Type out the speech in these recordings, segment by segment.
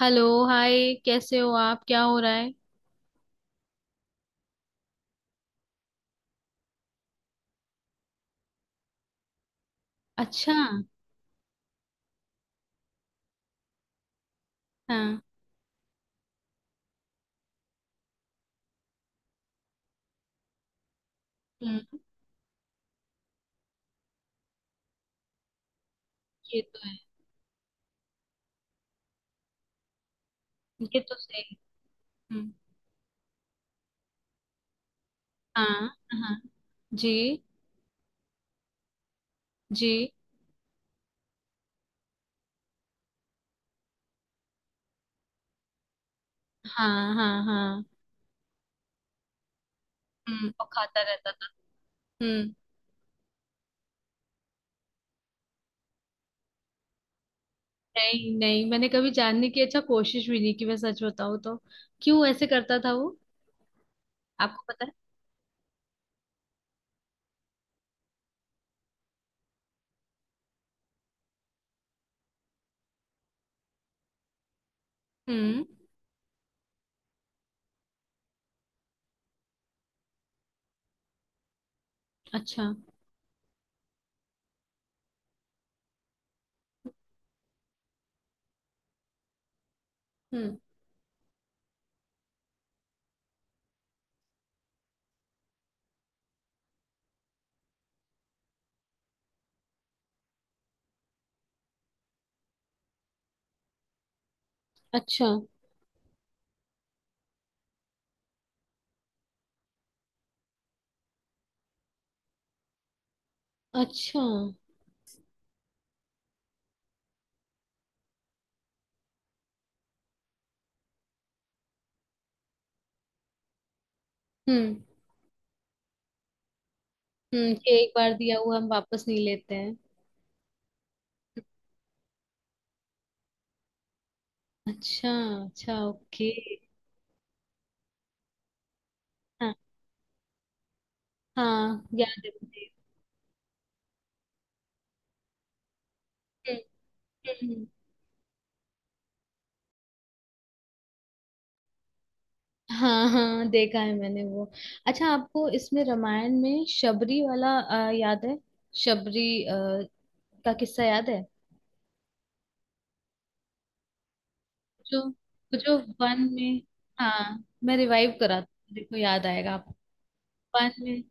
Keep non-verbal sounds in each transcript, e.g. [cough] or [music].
Hello. Hi. कैसे हो आप, क्या हो रहा है? अच्छा। हाँ। हम्म। ये तो है। ये तो सही। हम्म। हाँ हाँ। जी। जी। हाँ हाँ हाँ। हम्म, और खाता रहता था। हम्म। नहीं नहीं, मैंने कभी जानने की अच्छा कोशिश भी नहीं की, मैं सच बताऊँ तो। क्यों ऐसे करता था वो? आपको पता है? हम्म। अच्छा। हम्म। अच्छा। अच्छा। हम्म। हम्म, कि एक बार दिया हुआ हम वापस नहीं लेते हैं। अच्छा। अच्छा। ओके। हाँ, हाँ ज्ञान देवदेव। हम्म, हम्म। हाँ हाँ, देखा है मैंने वो। अच्छा, आपको इसमें रामायण में शबरी वाला याद है? शबरी का किस्सा याद है? जो जो वन में। हाँ, मैं रिवाइव करा। देखो याद आएगा आप। वन में।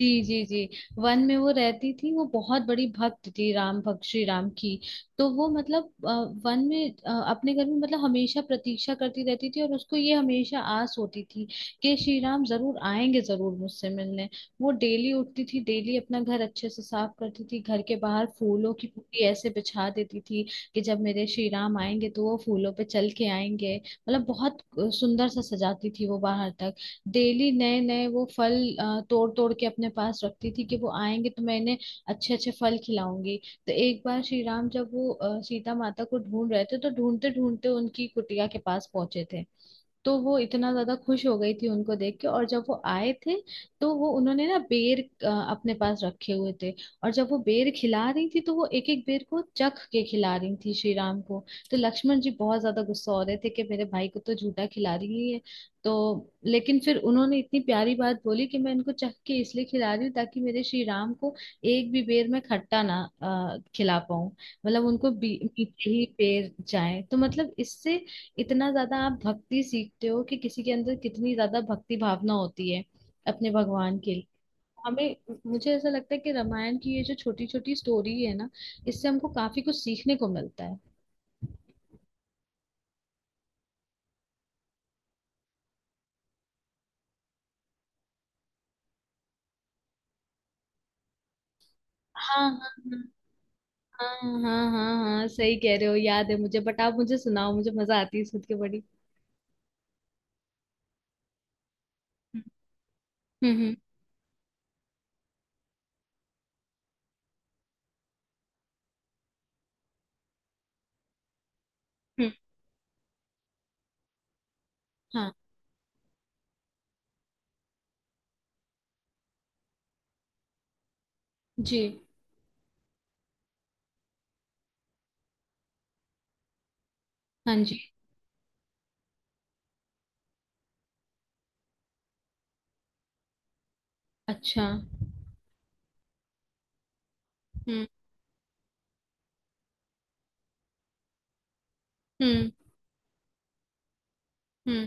जी जी जी। वन में वो रहती थी, वो बहुत बड़ी भक्त थी, राम भक्त श्री राम की। तो वो मतलब वन में अपने घर में मतलब हमेशा प्रतीक्षा करती रहती थी, और उसको ये हमेशा आस होती थी कि श्री राम जरूर आएंगे, जरूर मुझसे मिलने। वो डेली उठती थी, डेली अपना घर अच्छे से साफ करती थी, घर के बाहर फूलों की पूरी ऐसे बिछा देती थी कि जब मेरे श्री राम आएंगे तो वो फूलों पे चल के आएंगे। मतलब बहुत सुंदर सा सजाती थी वो बाहर तक। डेली नए नए वो फल अ, तोड़ तोड़ के अपने पास रखती थी कि वो आएंगे तो मैं इन्हें अच्छे अच्छे फल खिलाऊंगी। तो एक बार श्री राम जब वो सीता माता को ढूंढ रहे थे तो ढूंढते ढूंढते उनकी कुटिया के पास पहुंचे थे। तो वो इतना ज्यादा खुश हो गई थी उनको देख के, और जब वो आए थे तो वो उन्होंने ना बेर अपने पास रखे हुए थे। और जब वो बेर खिला रही थी तो वो एक एक बेर को चख के खिला रही थी श्री राम को। तो लक्ष्मण जी बहुत ज्यादा गुस्सा हो रहे थे कि मेरे भाई को तो झूठा खिला रही है। तो लेकिन फिर उन्होंने इतनी प्यारी बात बोली कि मैं इनको चख के इसलिए खिला रही हूँ ताकि मेरे श्री राम को एक भी बेर में खट्टा ना खिला पाऊं। मतलब उनको मीठे ही बेर जाए, तो मतलब इससे इतना ज्यादा आप भक्ति सीखते हो कि किसी के अंदर कितनी ज्यादा भक्ति भावना होती है अपने भगवान के लिए। हमें। मुझे ऐसा लगता है कि रामायण की ये जो छोटी छोटी स्टोरी है ना, इससे हमको काफी कुछ सीखने को मिलता है। हाँ हाँ हाँ हाँ हाँ हाँ हाँ, सही कह रहे हो, याद है मुझे, बट आप मुझे सुनाओ, मुझे मजा आती है सुन के बड़ी। हम्म। हम्म। हम्म, हाँ जी। हाँ जी। अच्छा। हम्म। हम्म। हम्म।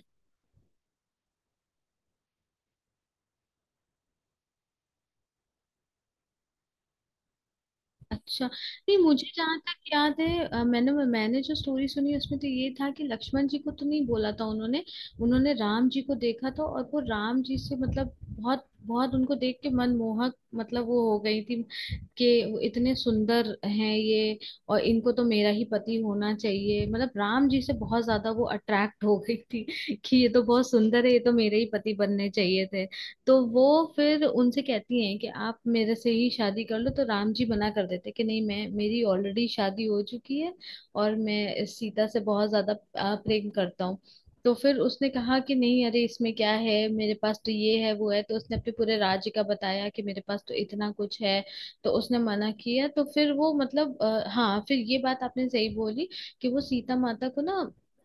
अच्छा नहीं, मुझे जहाँ तक याद है मैंने मैंने जो स्टोरी सुनी उसमें तो ये था कि लक्ष्मण जी को तो नहीं बोला था उन्होंने। उन्होंने राम जी को देखा था और वो राम जी से मतलब बहुत बहुत उनको देख के मनमोहक मतलब वो हो गई थी कि वो इतने सुंदर हैं ये। और इनको तो मेरा ही पति होना चाहिए, मतलब राम जी से बहुत ज्यादा वो अट्रैक्ट हो गई थी कि ये तो बहुत सुंदर है, ये तो मेरे ही पति बनने चाहिए थे। तो वो फिर उनसे कहती हैं कि आप मेरे से ही शादी कर लो, तो राम जी मना कर देते कि नहीं, मैं मेरी ऑलरेडी शादी हो चुकी है और मैं इस सीता से बहुत ज्यादा प्रेम करता हूँ। तो फिर उसने कहा कि नहीं अरे इसमें क्या है, मेरे पास तो ये है वो है, तो उसने अपने पूरे राज्य का बताया कि मेरे पास तो इतना कुछ है। तो उसने मना किया तो फिर वो मतलब हाँ फिर ये बात आपने सही बोली कि वो सीता माता को ना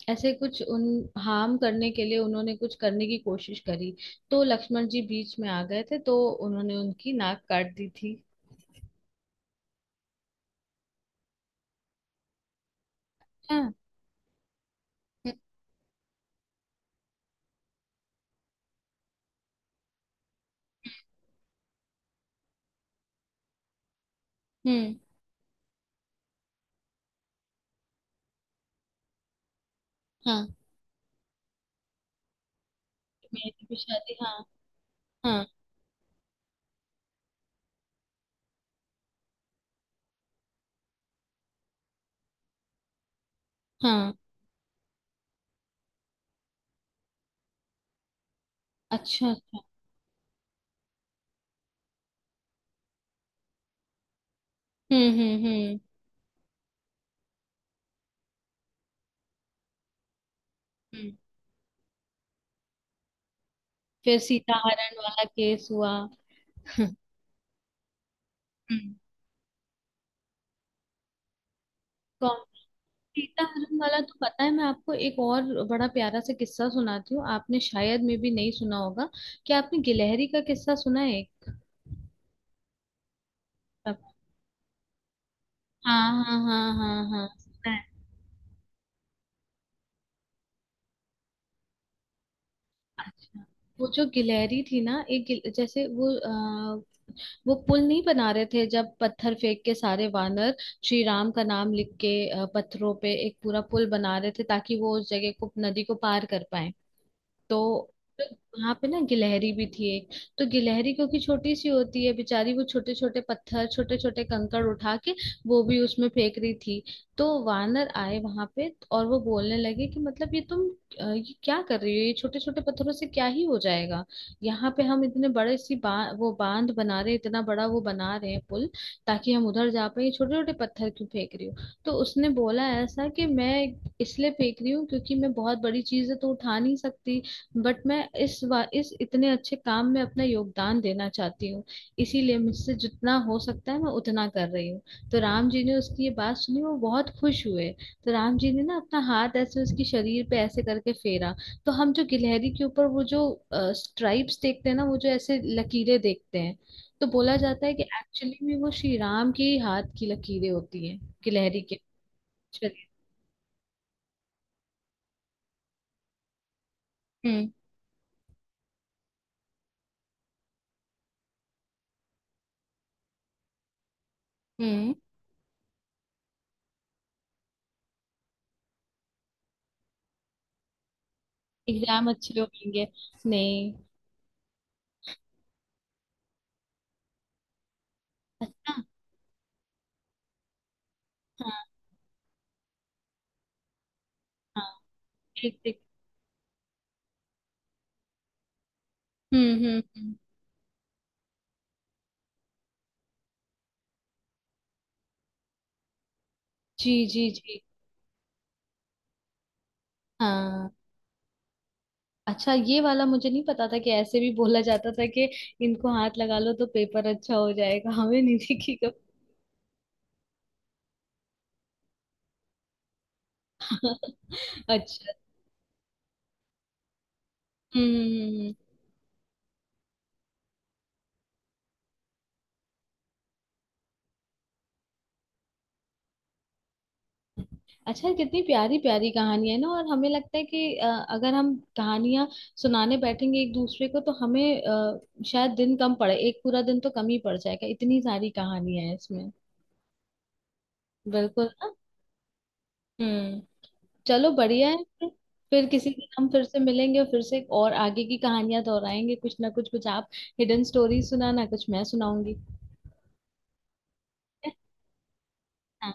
ऐसे कुछ उन हार्म करने के लिए उन्होंने कुछ करने की कोशिश करी। तो लक्ष्मण जी बीच में आ गए थे तो उन्होंने उनकी नाक काट दी थी। हाँ। हम्म। हाँ, मेरी भी शादी। हाँ। हाँ हाँ। अच्छा। अच्छा। हम्म हम्म हम्म हम्म। फिर सीता हरण वाला केस हुआ। हम्म। कौन? सीता हरण वाला तो पता है। मैं आपको एक और बड़ा प्यारा सा किस्सा सुनाती हूँ, आपने शायद में भी नहीं सुना होगा। क्या आपने गिलहरी का किस्सा सुना है एक? हाँ हाँ हाँ हाँ हाँ, सुना है। अच्छा, वो जो गिलहरी थी ना, जैसे वो पुल नहीं बना रहे थे जब पत्थर फेंक के सारे वानर श्री राम का नाम लिख के पत्थरों पे एक पूरा पुल बना रहे थे ताकि वो उस जगह को नदी को पार कर पाए। तो वहां पे ना गिलहरी भी थी एक। तो गिलहरी क्योंकि छोटी सी होती है बेचारी, वो छोटे छोटे पत्थर छोटे छोटे कंकड़ उठा के वो भी उसमें फेंक रही थी। तो वानर आए वहां पे और वो बोलने लगे कि मतलब ये तुम ये क्या कर रही हो, ये छोटे छोटे पत्थरों से क्या ही हो जाएगा। यहाँ पे हम इतने बड़े वो बांध बना रहे हैं, इतना बड़ा वो बना रहे हैं पुल, ताकि हम उधर जा पाए, छोटे छोटे पत्थर क्यों फेंक रही हो? तो उसने बोला ऐसा कि मैं इसलिए फेंक रही हूँ क्योंकि मैं बहुत बड़ी चीज है तो उठा नहीं सकती। बट मैं इस इतने अच्छे काम में अपना योगदान देना चाहती हूँ, इसीलिए मुझसे जितना हो सकता है मैं उतना कर रही हूँ। तो राम जी ने उसकी ये बात सुनी, वो बहुत खुश हुए। तो राम जी ने ना अपना हाथ ऐसे उसके शरीर पे ऐसे करके फेरा। तो हम जो गिलहरी के ऊपर वो जो स्ट्राइप्स देखते हैं ना, वो जो ऐसे लकीरें देखते हैं, तो बोला जाता है कि एक्चुअली में वो श्री राम के ही हाथ की लकीरें होती हैं गिलहरी के शरीर। हम्म। हम्म। एग्जाम अच्छे होंगे। नहीं। अच्छा। हाँ हाँ। ठीक ठीक। हम्म हम्म हम्म। जी जी जी। हाँ। अच्छा, ये वाला मुझे नहीं पता था कि ऐसे भी बोला जाता था कि इनको हाथ लगा लो तो पेपर अच्छा हो जाएगा, हमें नहीं दिखेगा। [laughs] अच्छा। हम्म। अच्छा, कितनी प्यारी प्यारी कहानी है ना। और हमें लगता है कि अगर हम कहानियां सुनाने बैठेंगे एक दूसरे को तो हमें शायद दिन कम पड़े, एक पूरा दिन तो कम ही पड़ जाएगा, इतनी सारी कहानियां है इसमें। बिल्कुल ना। हम्म। चलो बढ़िया है। फिर। फिर किसी दिन हम फिर से मिलेंगे और फिर से और आगे की कहानियां दोहराएंगे, कुछ ना कुछ कुछ आप हिडन स्टोरी सुनाना, कुछ मैं सुनाऊंगी। ठीक है। हाँ।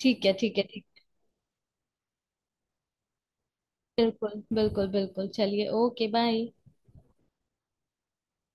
ठीक है ठीक है ठीक। बिल्कुल बिल्कुल बिल्कुल, चलिए ओके बाय।